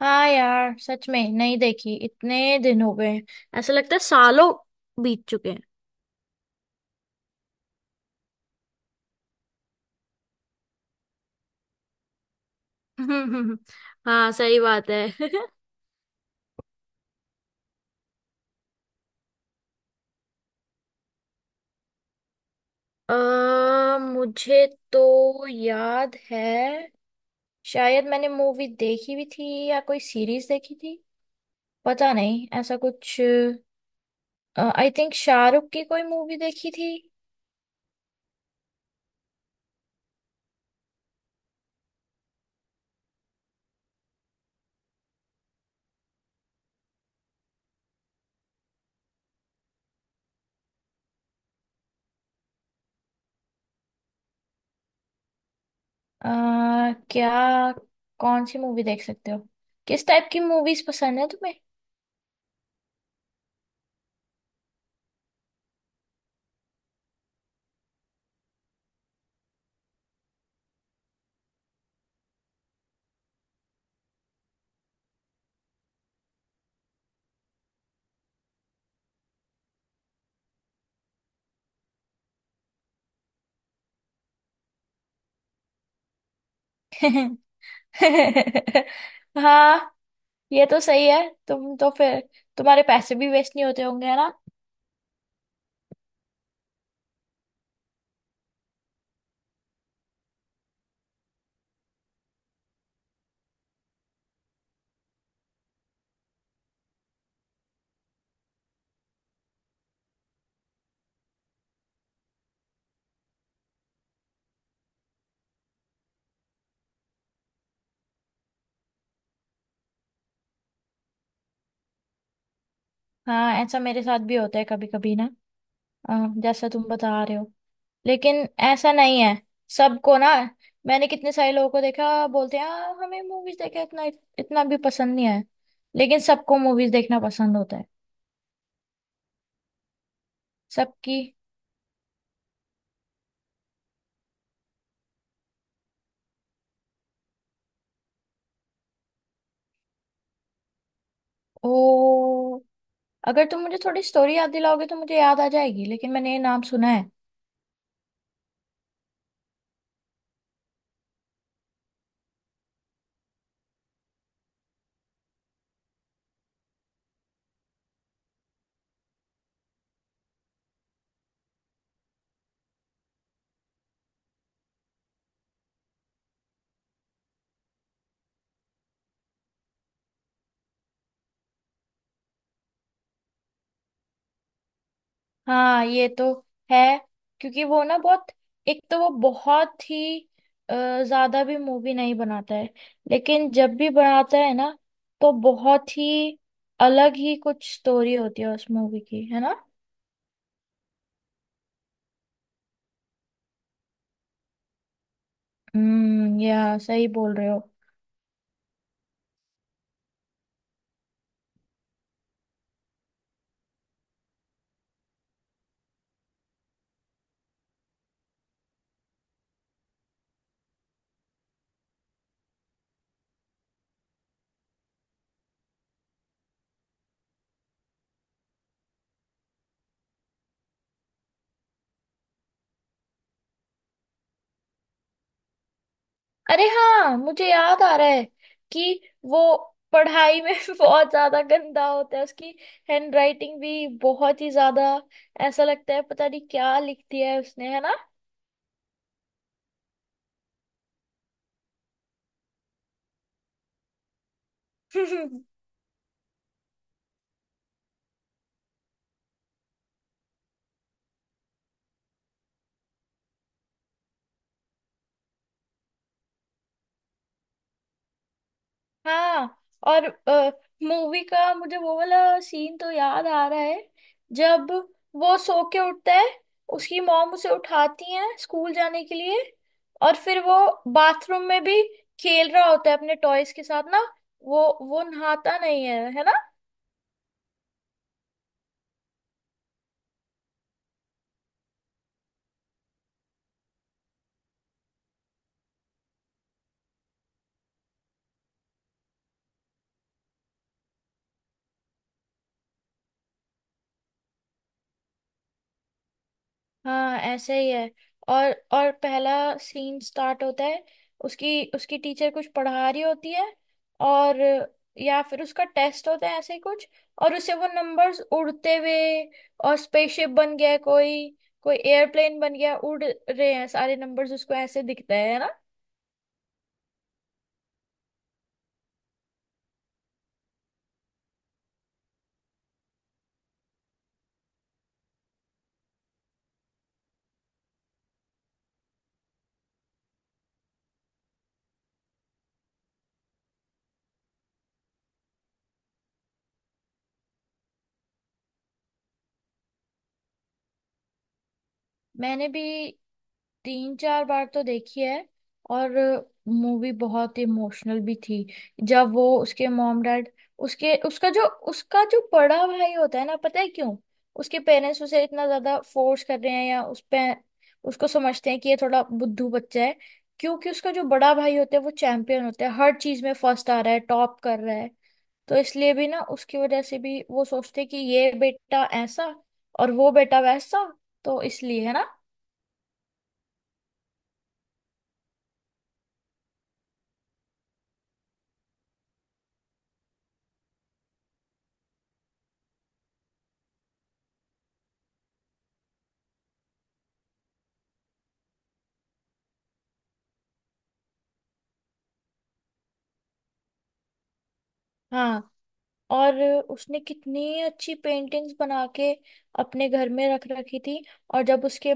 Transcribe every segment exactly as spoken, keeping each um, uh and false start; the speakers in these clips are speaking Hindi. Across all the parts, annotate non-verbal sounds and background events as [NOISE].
हाँ यार, सच में नहीं देखी। इतने दिन हो गए, ऐसा लगता है सालों बीत चुके हैं। [LAUGHS] हाँ, सही बात है। [LAUGHS] अ, मुझे तो याद है, शायद मैंने मूवी देखी भी थी या कोई सीरीज देखी थी, पता नहीं ऐसा कुछ। आई थिंक शाहरुख की कोई मूवी देखी थी। अ, क्या? कौन सी मूवी देख सकते हो? किस टाइप की मूवीज पसंद है तुम्हें? [LAUGHS] हाँ, ये तो सही है। तुम तो फिर तुम्हारे पैसे भी वेस्ट नहीं होते होंगे, है ना? हाँ, ऐसा मेरे साथ भी होता है कभी कभी ना। अ, जैसा तुम बता रहे हो, लेकिन ऐसा नहीं है सबको ना। मैंने कितने सारे लोगों को देखा, बोलते हैं "आ, हमें मूवीज देखना इतना इतना भी पसंद नहीं है"। लेकिन सबको मूवीज देखना पसंद होता है सबकी। ओ, अगर तुम मुझे थोड़ी स्टोरी याद दिलाओगे तो मुझे याद आ जाएगी, लेकिन मैंने ये नाम सुना है। हाँ, ये तो है। क्योंकि वो ना बहुत, एक तो वो बहुत ही अ, ज्यादा भी मूवी नहीं बनाता है, लेकिन जब भी बनाता है ना तो बहुत ही अलग ही कुछ स्टोरी होती है उस मूवी की, है ना? हम्म, या सही बोल रहे हो। अरे हाँ, मुझे याद आ रहा है कि वो पढ़ाई में [LAUGHS] बहुत ज्यादा गंदा होता है। उसकी हैंडराइटिंग भी बहुत ही ज्यादा, ऐसा लगता है पता नहीं क्या लिख दिया है उसने, है ना? [LAUGHS] हाँ। और मूवी का मुझे वो वाला सीन तो याद आ रहा है, जब वो सो के उठता है, उसकी मॉम उसे उठाती है स्कूल जाने के लिए, और फिर वो बाथरूम में भी खेल रहा होता है अपने टॉयज के साथ ना, वो वो नहाता नहीं है, है ना? हाँ, ऐसे ही है। और और पहला सीन स्टार्ट होता है, उसकी उसकी टीचर कुछ पढ़ा रही होती है, और या फिर उसका टेस्ट होता है ऐसे ही कुछ, और उसे वो नंबर्स उड़ते हुए, और स्पेसशिप बन गया है कोई, कोई एयरप्लेन बन गया, उड़ रहे हैं सारे नंबर्स, उसको ऐसे दिखता है है ना? मैंने भी तीन चार बार तो देखी है। और मूवी बहुत इमोशनल भी थी। जब वो उसके मॉम डैड, उसके उसका जो उसका जो बड़ा भाई होता है ना, पता है क्यों उसके पेरेंट्स उसे इतना ज्यादा फोर्स कर रहे हैं या उस पे, उसको समझते हैं कि ये थोड़ा बुद्धू बच्चा है? क्योंकि उसका जो बड़ा भाई होता है वो चैंपियन होता है, हर चीज में फर्स्ट आ रहा है, टॉप कर रहा है। तो इसलिए भी ना, उसकी वजह से भी वो सोचते हैं कि ये बेटा ऐसा और वो बेटा वैसा, तो इसलिए, है ना? हाँ। और उसने कितनी अच्छी पेंटिंग्स बना के अपने घर में रख रखी थी। और जब उसके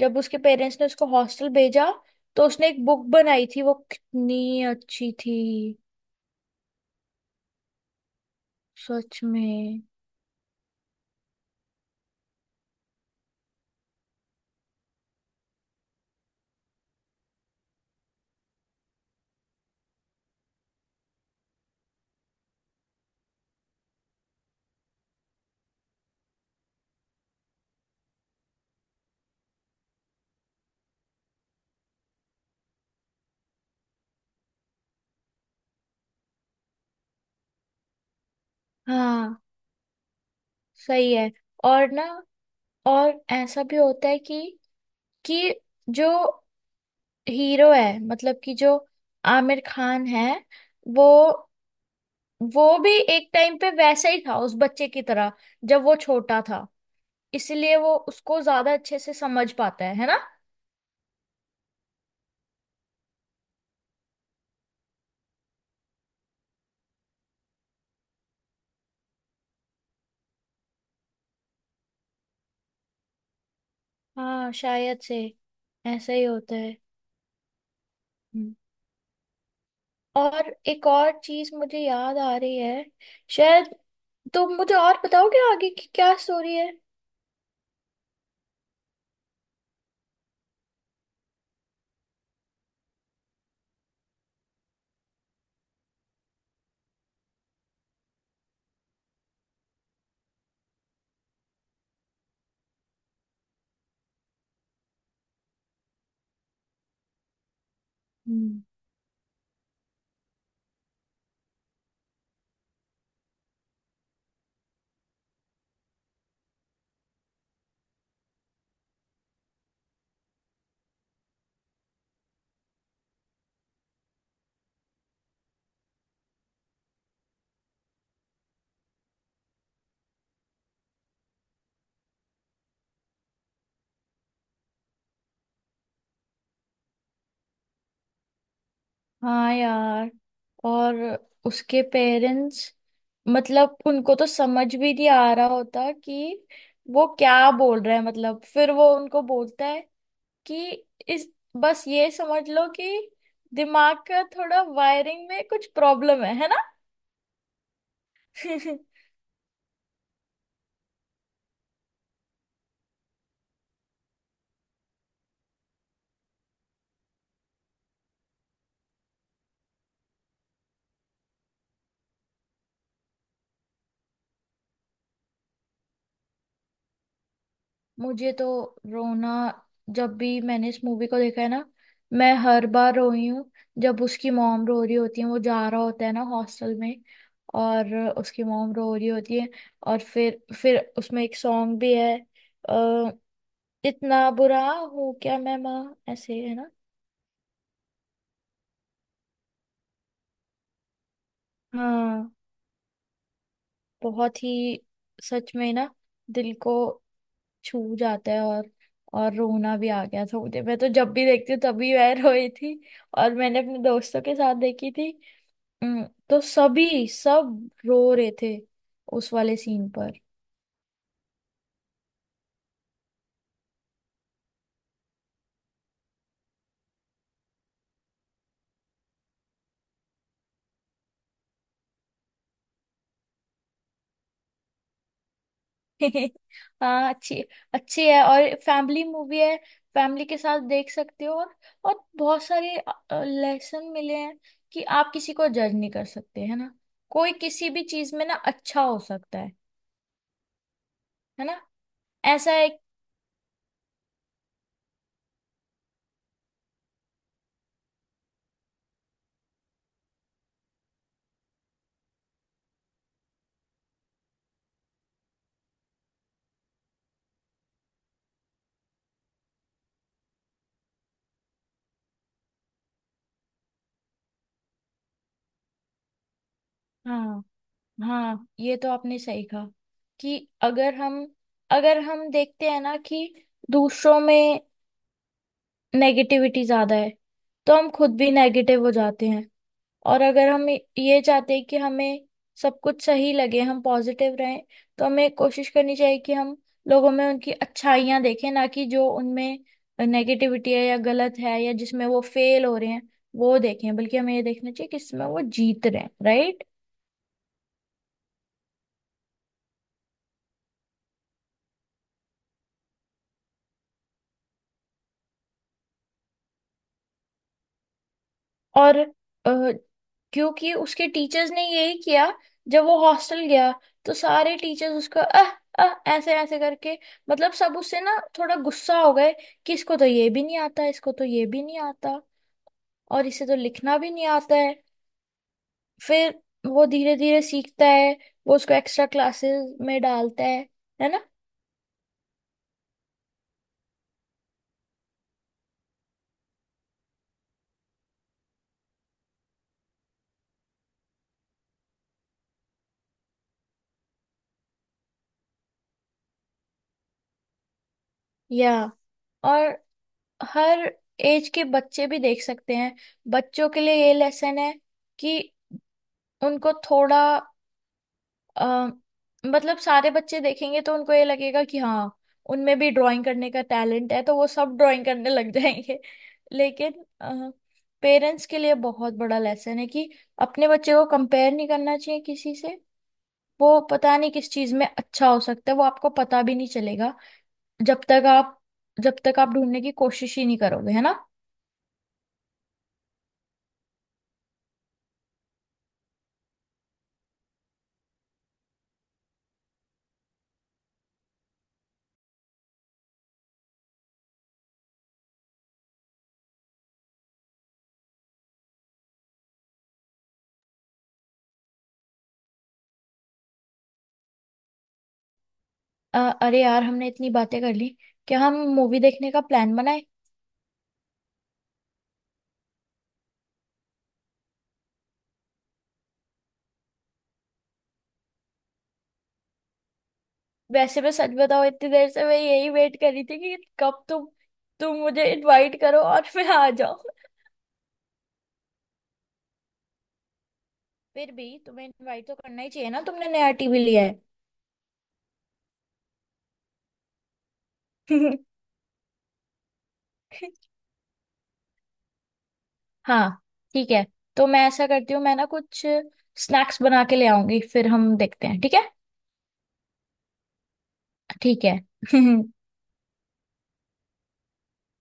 जब उसके पेरेंट्स ने उसको हॉस्टल भेजा, तो उसने एक बुक बनाई थी, वो कितनी अच्छी थी। सच में। हाँ, सही है। और ना, और ऐसा भी होता है कि कि जो हीरो है, मतलब कि जो आमिर खान है, वो वो भी एक टाइम पे वैसा ही था उस बच्चे की तरह, जब वो छोटा था। इसलिए वो उसको ज्यादा अच्छे से समझ पाता है है ना? हाँ, शायद से ऐसा ही होता है। हम्म। और एक और चीज मुझे याद आ रही है, शायद तुम मुझे और बताओगे आगे की क्या स्टोरी है। हम्म। हाँ यार। और उसके पेरेंट्स, मतलब उनको तो समझ भी नहीं आ रहा होता कि वो क्या बोल रहा है, मतलब फिर वो उनको बोलता है कि इस, बस ये समझ लो कि दिमाग का थोड़ा वायरिंग में कुछ प्रॉब्लम है है ना? [LAUGHS] मुझे तो रोना, जब भी मैंने इस मूवी को देखा है ना, मैं हर बार रोई हूँ। जब उसकी मॉम रो रही होती है, वो जा रहा होता है ना हॉस्टल में, और उसकी मॉम रो रही होती है, और फिर फिर उसमें एक सॉन्ग भी है, अ, इतना बुरा हूँ क्या मैं माँ, ऐसे, है ना? हाँ, बहुत ही, सच में ना, दिल को छू जाता है। और और रोना भी आ गया था मुझे, मैं तो जब भी देखती हूँ तभी मैं [LAUGHS] रोई थी। और मैंने अपने दोस्तों के साथ देखी थी। हम्म, तो सभी सब रो रहे थे उस वाले सीन पर। [LAUGHS] हाँ, अच्छी, अच्छी है, और फैमिली मूवी है, फैमिली के साथ देख सकते हो। और और बहुत सारे लेसन मिले हैं कि आप किसी को जज नहीं कर सकते, है ना? कोई किसी भी चीज में ना अच्छा हो सकता है है ना? ऐसा है। हाँ, हाँ, ये तो आपने सही कहा कि अगर हम अगर हम देखते हैं ना कि दूसरों में नेगेटिविटी ज्यादा है, तो हम खुद भी नेगेटिव हो जाते हैं। और अगर हम ये चाहते हैं कि हमें सब कुछ सही लगे, हम पॉजिटिव रहें, तो हमें कोशिश करनी चाहिए कि हम लोगों में उनकी अच्छाइयाँ देखें, ना कि जो उनमें नेगेटिविटी है या गलत है या जिसमें वो फेल हो रहे हैं वो देखें, बल्कि हमें ये देखना चाहिए कि इसमें वो जीत रहे हैं, right? और अ, क्योंकि उसके टीचर्स ने यही किया, जब वो हॉस्टल गया, तो सारे टीचर्स उसको अह अह ऐसे ऐसे करके, मतलब सब उससे ना थोड़ा गुस्सा हो गए कि इसको तो ये भी नहीं आता, इसको तो ये भी नहीं आता, और इसे तो लिखना भी नहीं आता है। फिर वो धीरे धीरे सीखता है, वो उसको एक्स्ट्रा क्लासेस में डालता है है ना? या। और हर एज के बच्चे भी देख सकते हैं, बच्चों के लिए ये लेसन है कि उनको थोड़ा अ, मतलब सारे बच्चे देखेंगे तो उनको ये लगेगा कि हाँ उनमें भी ड्राइंग करने का टैलेंट है, तो वो सब ड्राइंग करने लग जाएंगे। [LAUGHS] लेकिन पेरेंट्स के लिए बहुत बड़ा लेसन है कि अपने बच्चे को कंपेयर नहीं करना चाहिए किसी से। वो पता नहीं किस चीज में अच्छा हो सकता है, वो आपको पता भी नहीं चलेगा जब तक आप, जब तक आप ढूंढने की कोशिश ही नहीं करोगे, है ना? अ, अरे यार, हमने इतनी बातें कर ली, क्या हम मूवी देखने का प्लान बनाए? वैसे मैं सच बताऊं, इतनी देर से मैं यही वेट कर रही थी कि कब तुम, तुम मुझे इनवाइट करो और [LAUGHS] मैं आ जाऊं। फिर भी तुम्हें इनवाइट तो करना ही चाहिए ना, तुमने नया टीवी लिया है। [LAUGHS] हाँ, ठीक है। तो मैं ऐसा करती हूँ, मैं ना कुछ स्नैक्स बना के ले आऊंगी, फिर हम देखते हैं, ठीक है? ठीक है। [LAUGHS]